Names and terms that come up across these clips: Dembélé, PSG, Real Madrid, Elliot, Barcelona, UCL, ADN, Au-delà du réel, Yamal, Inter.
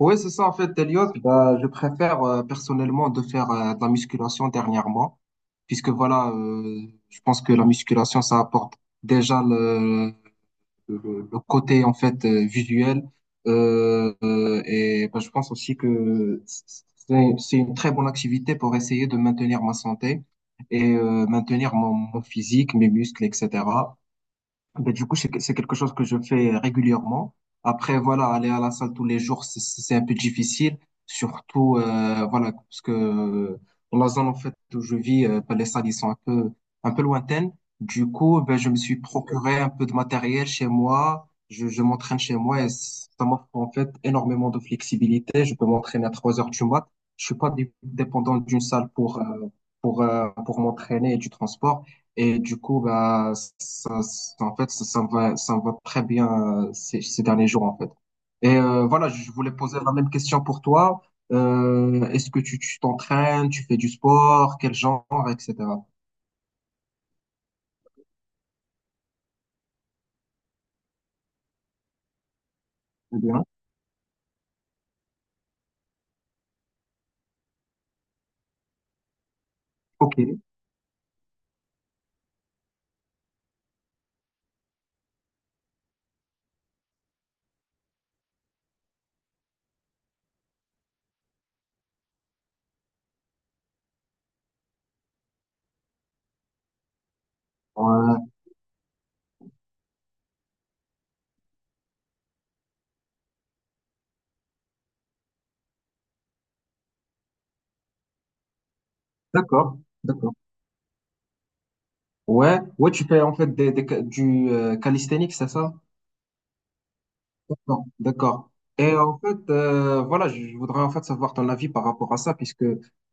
Oui, c'est ça, en fait, Elliot. Bah, je préfère personnellement de faire de la musculation dernièrement, puisque voilà, je pense que la musculation, ça apporte déjà le côté en fait visuel. Et bah, je pense aussi que c'est une très bonne activité pour essayer de maintenir ma santé et maintenir mon physique, mes muscles, etc. Ben, du coup, c'est quelque chose que je fais régulièrement. Après, voilà, aller à la salle tous les jours, c'est un peu difficile. Surtout, voilà, parce que dans la zone en fait où je vis, ben, les salles ils sont un peu lointaines. Du coup, ben, je me suis procuré un peu de matériel chez moi. Je m'entraîne chez moi et ça m'offre en fait énormément de flexibilité. Je peux m'entraîner à 3 heures du mat. Je suis pas dé- dépendant d'une salle pour, pour m'entraîner et du transport. Et du coup, bah, ça me va très bien ces derniers jours, en fait. Et voilà, je voulais poser la même question pour toi. Est-ce que tu t'entraînes, tu fais du sport, quel genre, etc. Très bien. Ok. Ouais. D'accord. D'accord. Ouais. Ouais, tu fais en fait des ca- du calisthenics, c'est ça? D'accord, d'accord. Et en fait, voilà, je voudrais en fait savoir ton avis par rapport à ça, puisque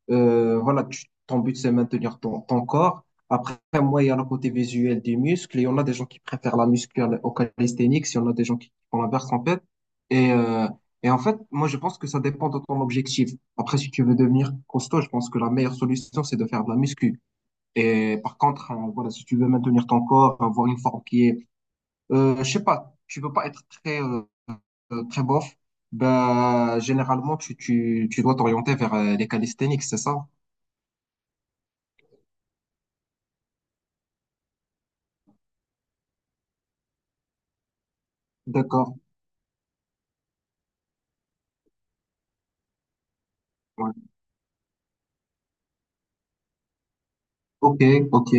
voilà, ton but c'est maintenir ton corps. Après, moi, il y a le côté visuel des muscles, et on a des gens qui préfèrent la musculaire au calisthénique, si on a des gens qui font l'inverse en fait. Et, euh, En fait, moi, je pense que ça dépend de ton objectif. Après, si tu veux devenir costaud, je pense que la meilleure solution, c'est de faire de la muscu. Et par contre, voilà, si tu veux maintenir ton corps, avoir une forme qui est, je sais pas, tu veux pas être très bof, ben, généralement, tu dois t'orienter vers les calisthenics, c'est ça? D'accord. Ouais. Ok, ok,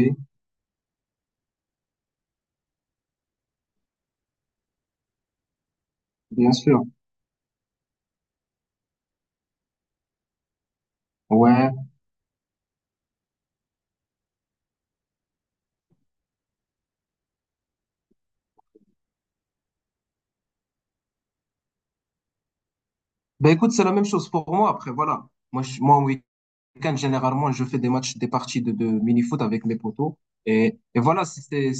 bien sûr. Ouais. Ben écoute, c'est la même chose pour moi. Après, voilà. Moi, en week-end, généralement, je fais des matchs, des parties de mini-foot avec mes potos. Et voilà, c'est, c'est,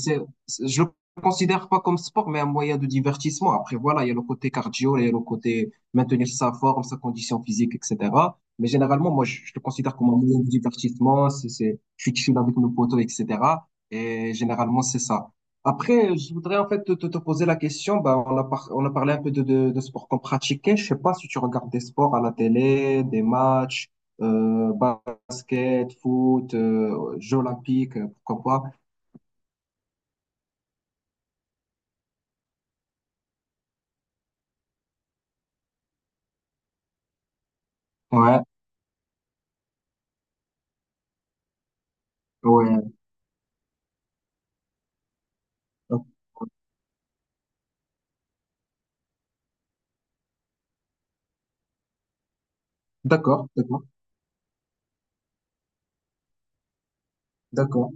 c'est- je le considère pas comme sport, mais un moyen de divertissement. Après, voilà, il y a le côté cardio, il y a le côté maintenir sa forme, sa condition physique, etc. Mais généralement, je le considère comme un moyen de divertissement. Je suis chill avec mes potos, etc. Et généralement, c'est ça. Après, je voudrais en fait te poser la question. Bah, on a parlé un peu de sport qu'on pratiquait. Je sais pas si tu regardes des sports à la télé, des matchs, euh, basket, foot, Jeux olympiques, pourquoi pas. Ouais, ouais. D'accord, d'accord, d'accord.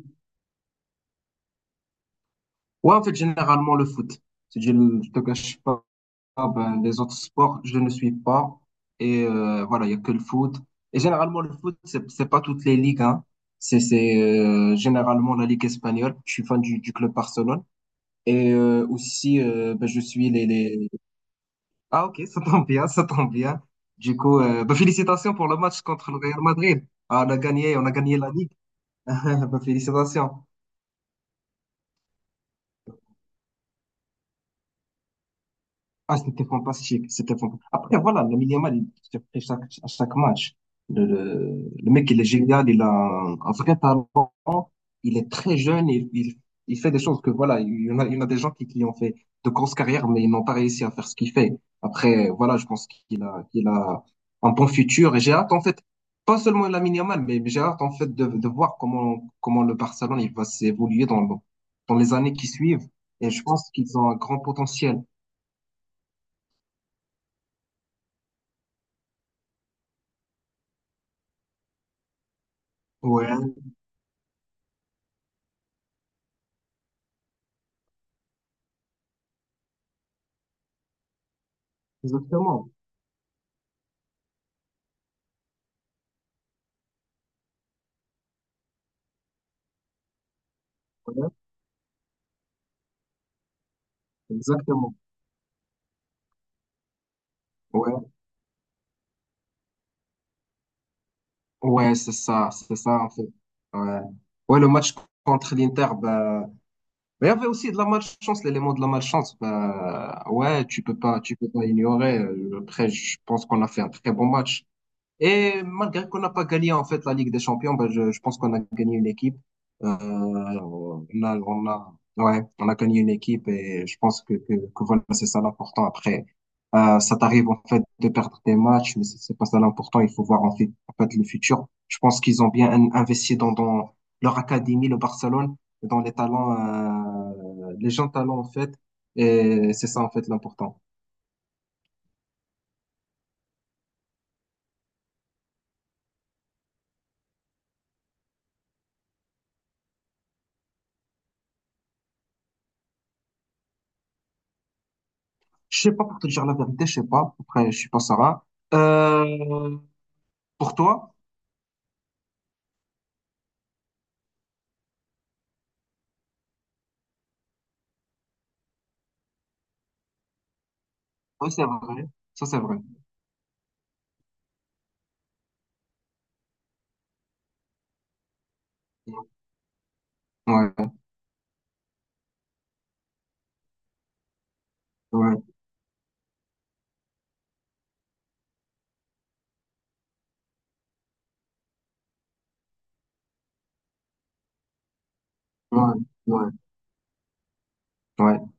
Ouais, en fait, généralement le foot. Si je ne te cache pas. Ah ben, les autres sports, je ne suis pas. Et voilà, il y a que le foot. Et généralement, le foot, c'est pas toutes les ligues, hein. C'est Généralement la Ligue espagnole. Je suis fan du club Barcelone. Et ben, je suis les... Ah ok, ça tombe bien, ça tombe bien. Du coup, ben, félicitations pour le match contre le Real Madrid. Ah, on a gagné la Ligue. Ben, félicitations. Ah, c'était fantastique, c'était fantastique. Après, voilà, le Yamal, il surprit chaque, à chaque match. Le mec, il est génial, il a un vrai talent, il est très jeune, il fait des choses que, voilà, il y en a des gens qui ont fait de grosses carrières, mais ils n'ont pas réussi à faire ce qu'il fait. Après, voilà, je pense qu'il a un bon futur et j'ai hâte, en fait, pas seulement la Yamal, mais j'ai hâte, en fait, de voir comment le Barcelone, il va s'évoluer dans les années qui suivent et je pense qu'ils ont un grand potentiel. Ouais, exactement. Ouais, exactement. Ouais, ouais, c'est ça en fait. Ouais. Ouais, le match contre l'Inter, bah, mais il y avait aussi de la malchance, l'élément de la malchance. Bah, ouais, tu peux pas ignorer. Après, je pense qu'on a fait un très bon match. Et malgré qu'on n'a pas gagné en fait la Ligue des Champions, ben, je pense qu'on a gagné une équipe. On a, ouais, on a gagné une équipe et je pense que voilà, c'est ça l'important. Après, ça t'arrive en fait de perdre des matchs, mais c'est pas ça l'important. Il faut voir en fait le futur. Je pense qu'ils ont bien investi dans leur académie, le Barcelone, dans les talents, les jeunes talents en fait. Et c'est ça, en fait, l'important. Je sais pas, pour te dire la vérité, je sais pas. Après, je suis pas Sarah. Euh, pour toi? Oui, c'est vrai. Ça, c'est vrai. Ouais, ouais, ouais, ouais, ouais.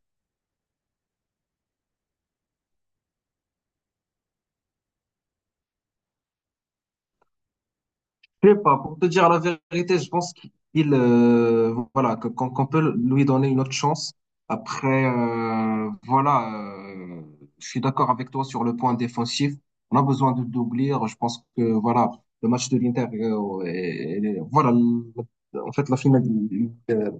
Je sais pas, pour te dire la vérité, je pense qu'il voilà qu'on peut lui donner une autre chance. Après, je suis d'accord avec toi sur le point défensif. On a besoin de d'ouvrir. Je pense que voilà, le match de l'Inter, voilà, en fait la finale. euh,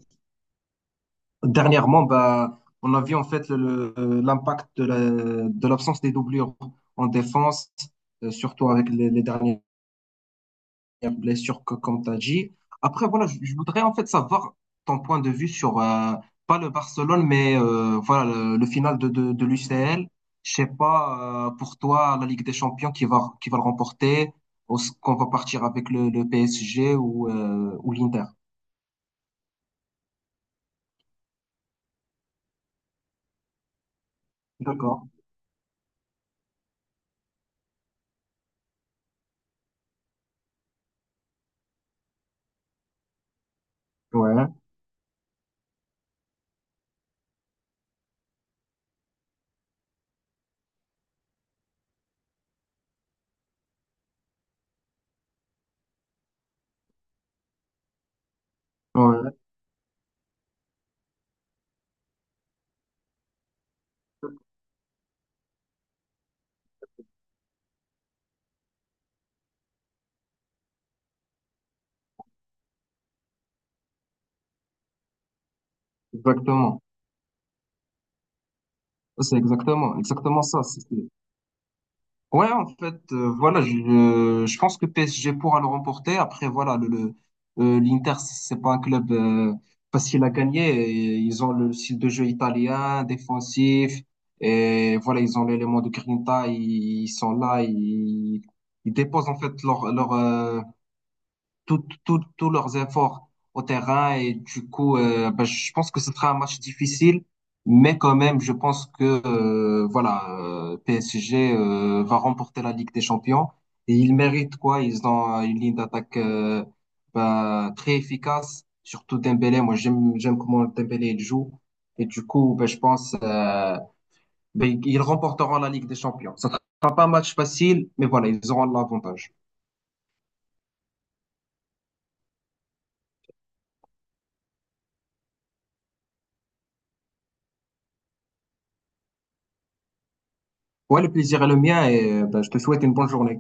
Dernièrement, bah, on a vu en fait l'impact de l'absence des doublures en défense, surtout avec les derniers y a blessure que, comme tu as dit. Après, voilà, je voudrais en fait savoir ton point de vue sur, pas le Barcelone, mais voilà, le final de l'UCL. Je sais pas, pour toi, la Ligue des Champions qui va le remporter, ou ce qu'on va partir avec le PSG ou l'Inter. D'accord. Ouais, ouais, exactement. C'est exactement, exactement ça. C'est ouais, en fait, je pense que PSG pourra le remporter. Après, voilà, l'Inter, c'est pas un club facile à gagner. Et ils ont le style de jeu italien, défensif, et voilà, ils ont l'élément de Grinta, ils sont là, ils déposent en fait tous leurs efforts au terrain. Et du coup, ben, je pense que ce sera un match difficile, mais quand même, je pense que PSG va remporter la Ligue des Champions. Et ils méritent quoi? Ils ont une ligne d'attaque ben, très efficace, surtout Dembélé. Moi, j'aime comment Dembélé il joue. Et du coup, ben, je pense ben, ils remporteront la Ligue des Champions. Ça sera pas un match facile, mais voilà, ils auront l'avantage. Ouais, le plaisir est le mien et ben, je te souhaite une bonne journée.